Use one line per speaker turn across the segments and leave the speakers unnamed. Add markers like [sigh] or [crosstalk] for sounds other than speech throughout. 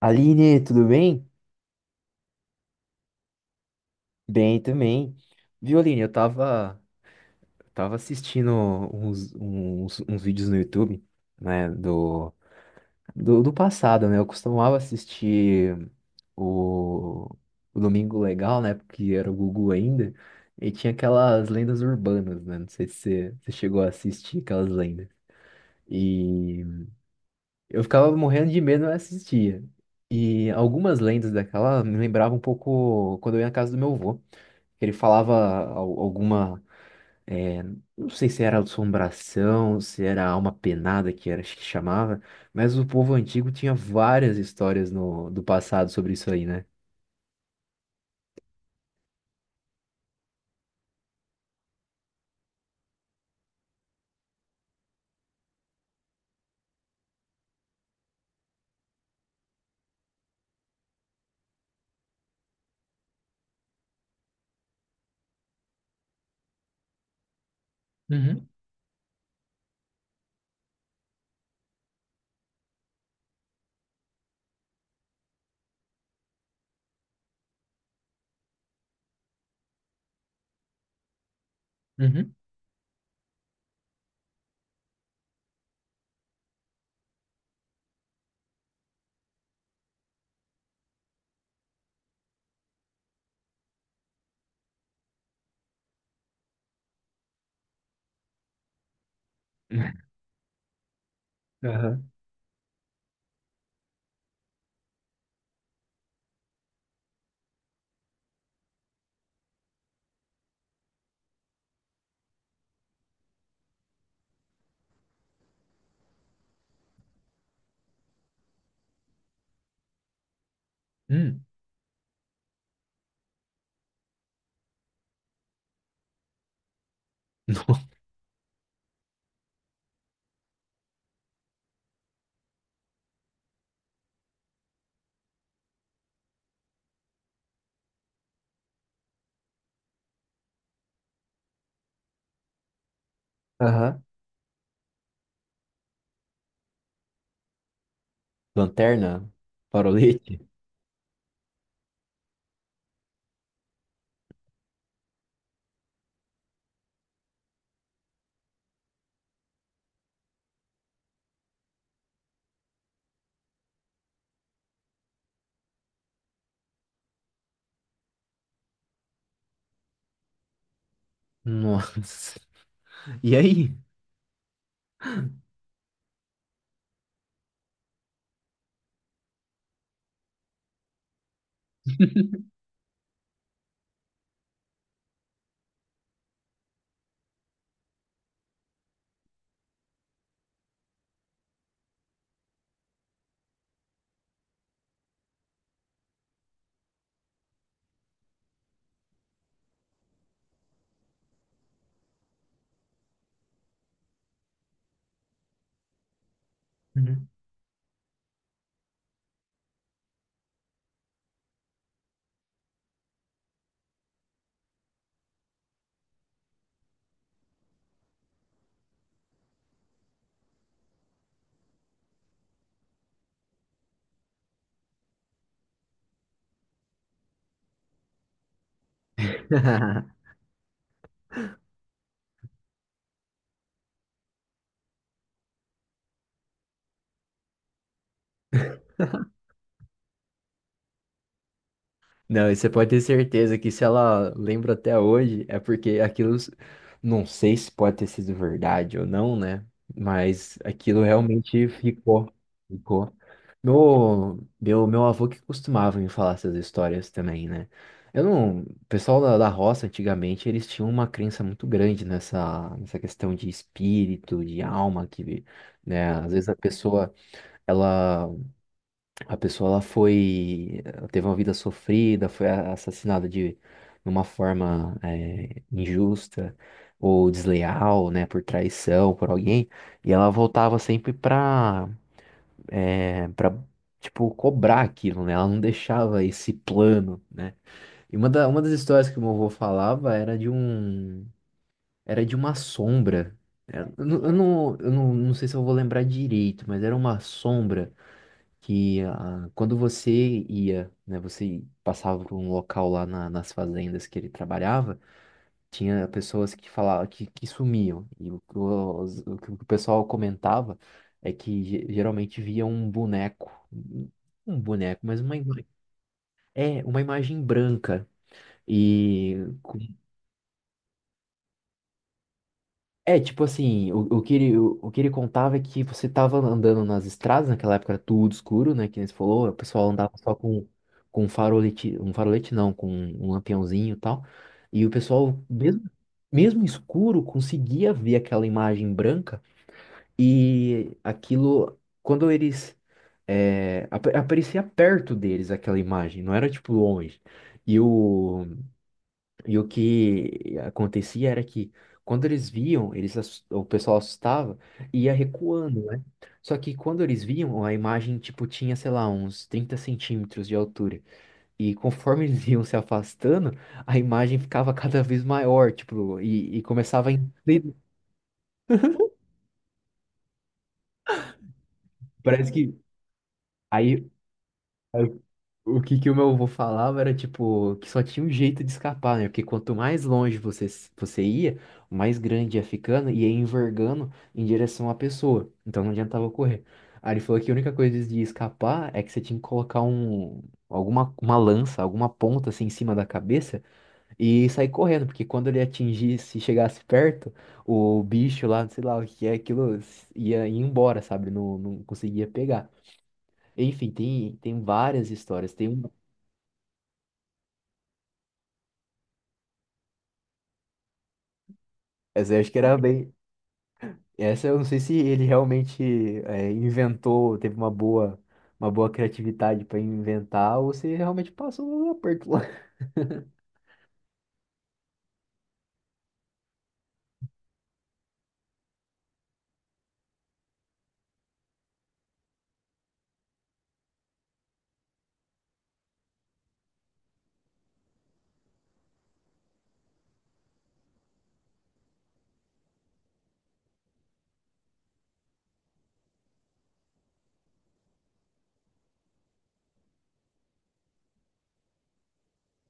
Aline, tudo bem? Bem também. Viu, Aline, eu tava assistindo uns vídeos no YouTube, né, do passado, né? Eu costumava assistir o, o Domingo Legal, né, porque era o Gugu ainda, e tinha aquelas lendas urbanas, né? Não sei se você chegou a assistir aquelas lendas. E eu ficava morrendo de medo, eu assistia. E algumas lendas daquela me lembravam um pouco quando eu ia na casa do meu avô. Ele falava alguma, é, não sei se era assombração, se era alma penada que era acho que chamava, mas o povo antigo tinha várias histórias no, do passado sobre isso aí, né? Uhum, uhum. [laughs] Aham. Hum. Aham. Lanterna, farolete. Nossa. E aí? Uhum. [laughs] Não, e você pode ter certeza que se ela lembra até hoje, é porque aquilo, não sei se pode ter sido verdade ou não, né? Mas aquilo realmente ficou, ficou. Meu avô que costumava me falar essas histórias também, né? Eu não, o pessoal da roça antigamente, eles tinham uma crença muito grande nessa, nessa questão de espírito, de alma, que, né, às vezes ela a pessoa ela foi, ela teve uma vida sofrida, foi assassinada de uma forma injusta ou desleal, né, por traição, por alguém, e ela voltava sempre pra, pra, tipo, cobrar aquilo, né? Ela não deixava esse plano, né? E uma, da, uma das histórias que o meu avô falava era de um, era de uma sombra. Eu, não, eu, não, eu não sei se eu vou lembrar direito, mas era uma sombra que ah, quando você ia, né, você passava por um local nas fazendas que ele trabalhava, tinha pessoas que falavam que sumiam. E o, que o que o pessoal comentava é que geralmente via um boneco, um boneco, mas uma, é, uma imagem branca e É, tipo assim, o que ele contava é que você tava andando nas estradas, naquela época era tudo escuro, né? Que nem você falou, o pessoal andava só com um farolete não, com um lampiãozinho e tal. E o pessoal, mesmo, mesmo escuro, conseguia ver aquela imagem branca e aquilo, quando eles, é, aparecia perto deles aquela imagem, não era tipo longe. E o, e o que acontecia era que quando eles viam, eles, o pessoal assustava e ia recuando, né? Só que quando eles viam, a imagem, tipo, tinha, sei lá, uns 30 centímetros de altura. E conforme [laughs] eles iam se afastando, a imagem ficava cada vez maior, tipo, e começava a inclinar. Parece que... Aí o que que o meu avô falava era, tipo, que só tinha um jeito de escapar, né? Porque quanto mais longe você, você ia, mais grande ia ficando e ia envergando em direção à pessoa. Então não adiantava correr. Aí ele falou que a única coisa de escapar é que você tinha que colocar um, alguma, uma lança, alguma ponta assim em cima da cabeça e sair correndo, porque quando ele atingisse, chegasse perto, o bicho lá, sei lá o que é, aquilo ia, ia embora, sabe? Não, não conseguia pegar. Enfim, tem várias histórias. Tem uma Essa eu acho que era bem. Essa eu não sei se ele realmente inventou, teve uma boa criatividade para inventar, ou se realmente passou um aperto lá. [laughs]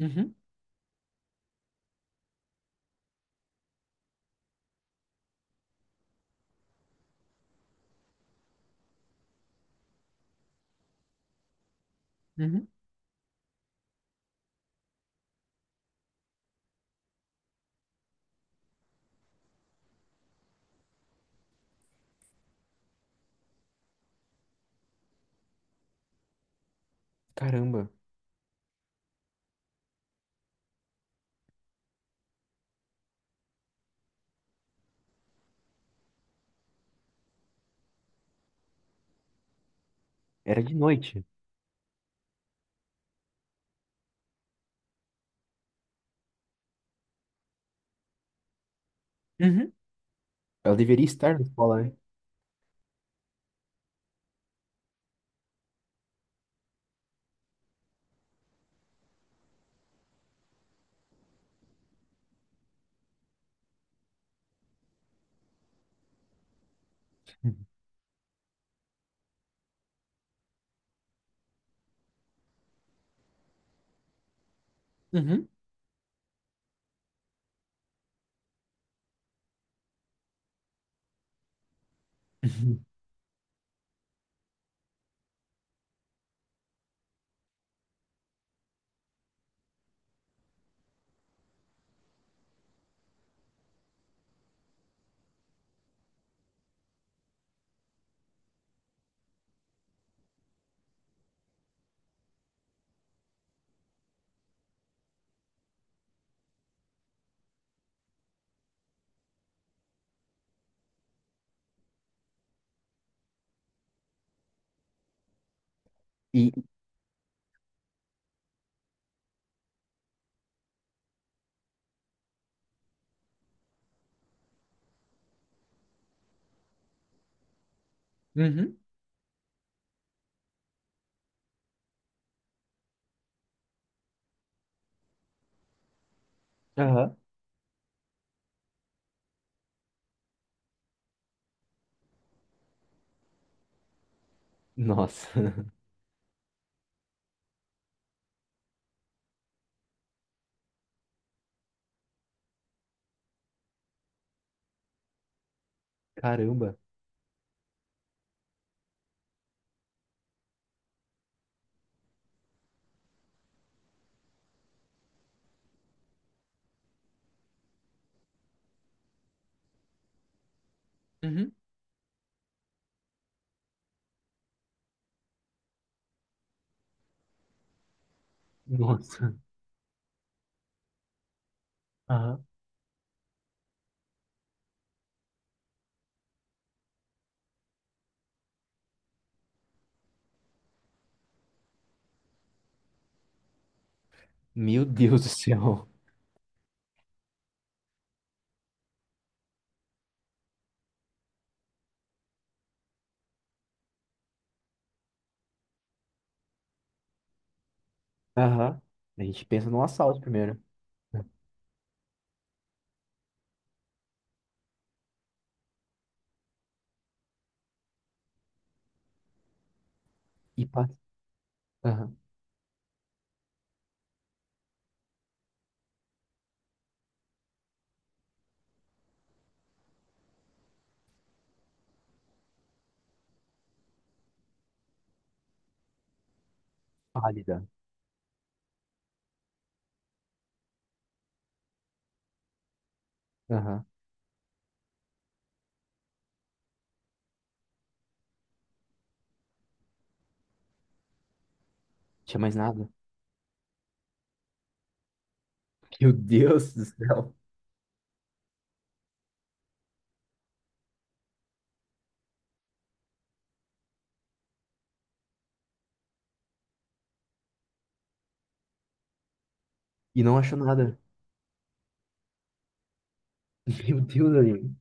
Uhum, uhum. Caramba, era de noite. Uhum. Ela deveria estar na escola, né? Uhum. [laughs] Uhum. E, uhum, aham, nossa, [laughs] caramba, uhum, nossa, aham, meu Deus do céu. Aham. A gente pensa num assalto primeiro. E pá, aham, pálida. Aham. Tinha mais nada? Meu Deus do céu. E não achou nada. [laughs] Meu Deus, Aline.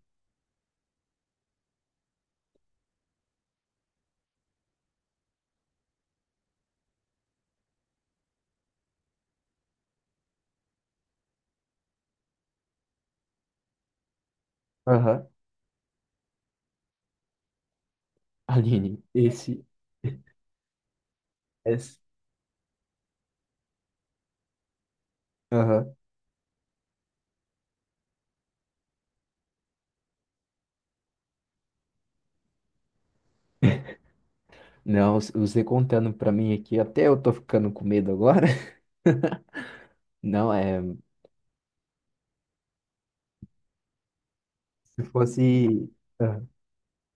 Aham. Aline, esse, esse. Aham. Não, você contando pra mim aqui, até eu tô ficando com medo agora. [laughs] Não, é. Se fosse. Aham.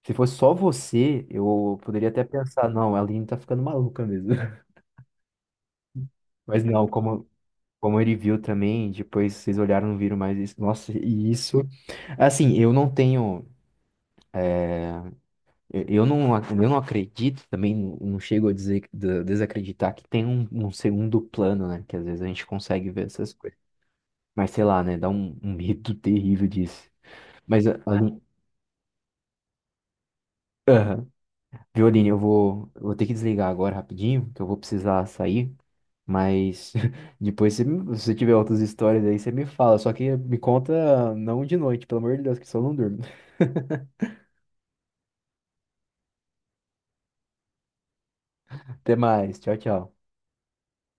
Se fosse só você, eu poderia até pensar, não, a Aline tá ficando maluca mesmo. [laughs] Mas não, como. Como ele viu também, depois vocês olharam, não viram mais isso. Nossa, e isso. Assim, eu não tenho. é, Eu eu não acredito, também não chego a dizer, desacreditar que tem um, um segundo plano, né? Que às vezes a gente consegue ver essas coisas. Mas sei lá, né? Dá um, um medo [laughs] terrível disso. Mas, Aline, aham. Viu, Aline, eu vou ter que desligar agora rapidinho, que eu vou precisar sair. Mas [laughs] depois, se você tiver outras histórias aí, você me fala. Só que me conta não de noite, pelo amor de Deus, que só não durmo. [laughs] Até mais. Tchau, tchau.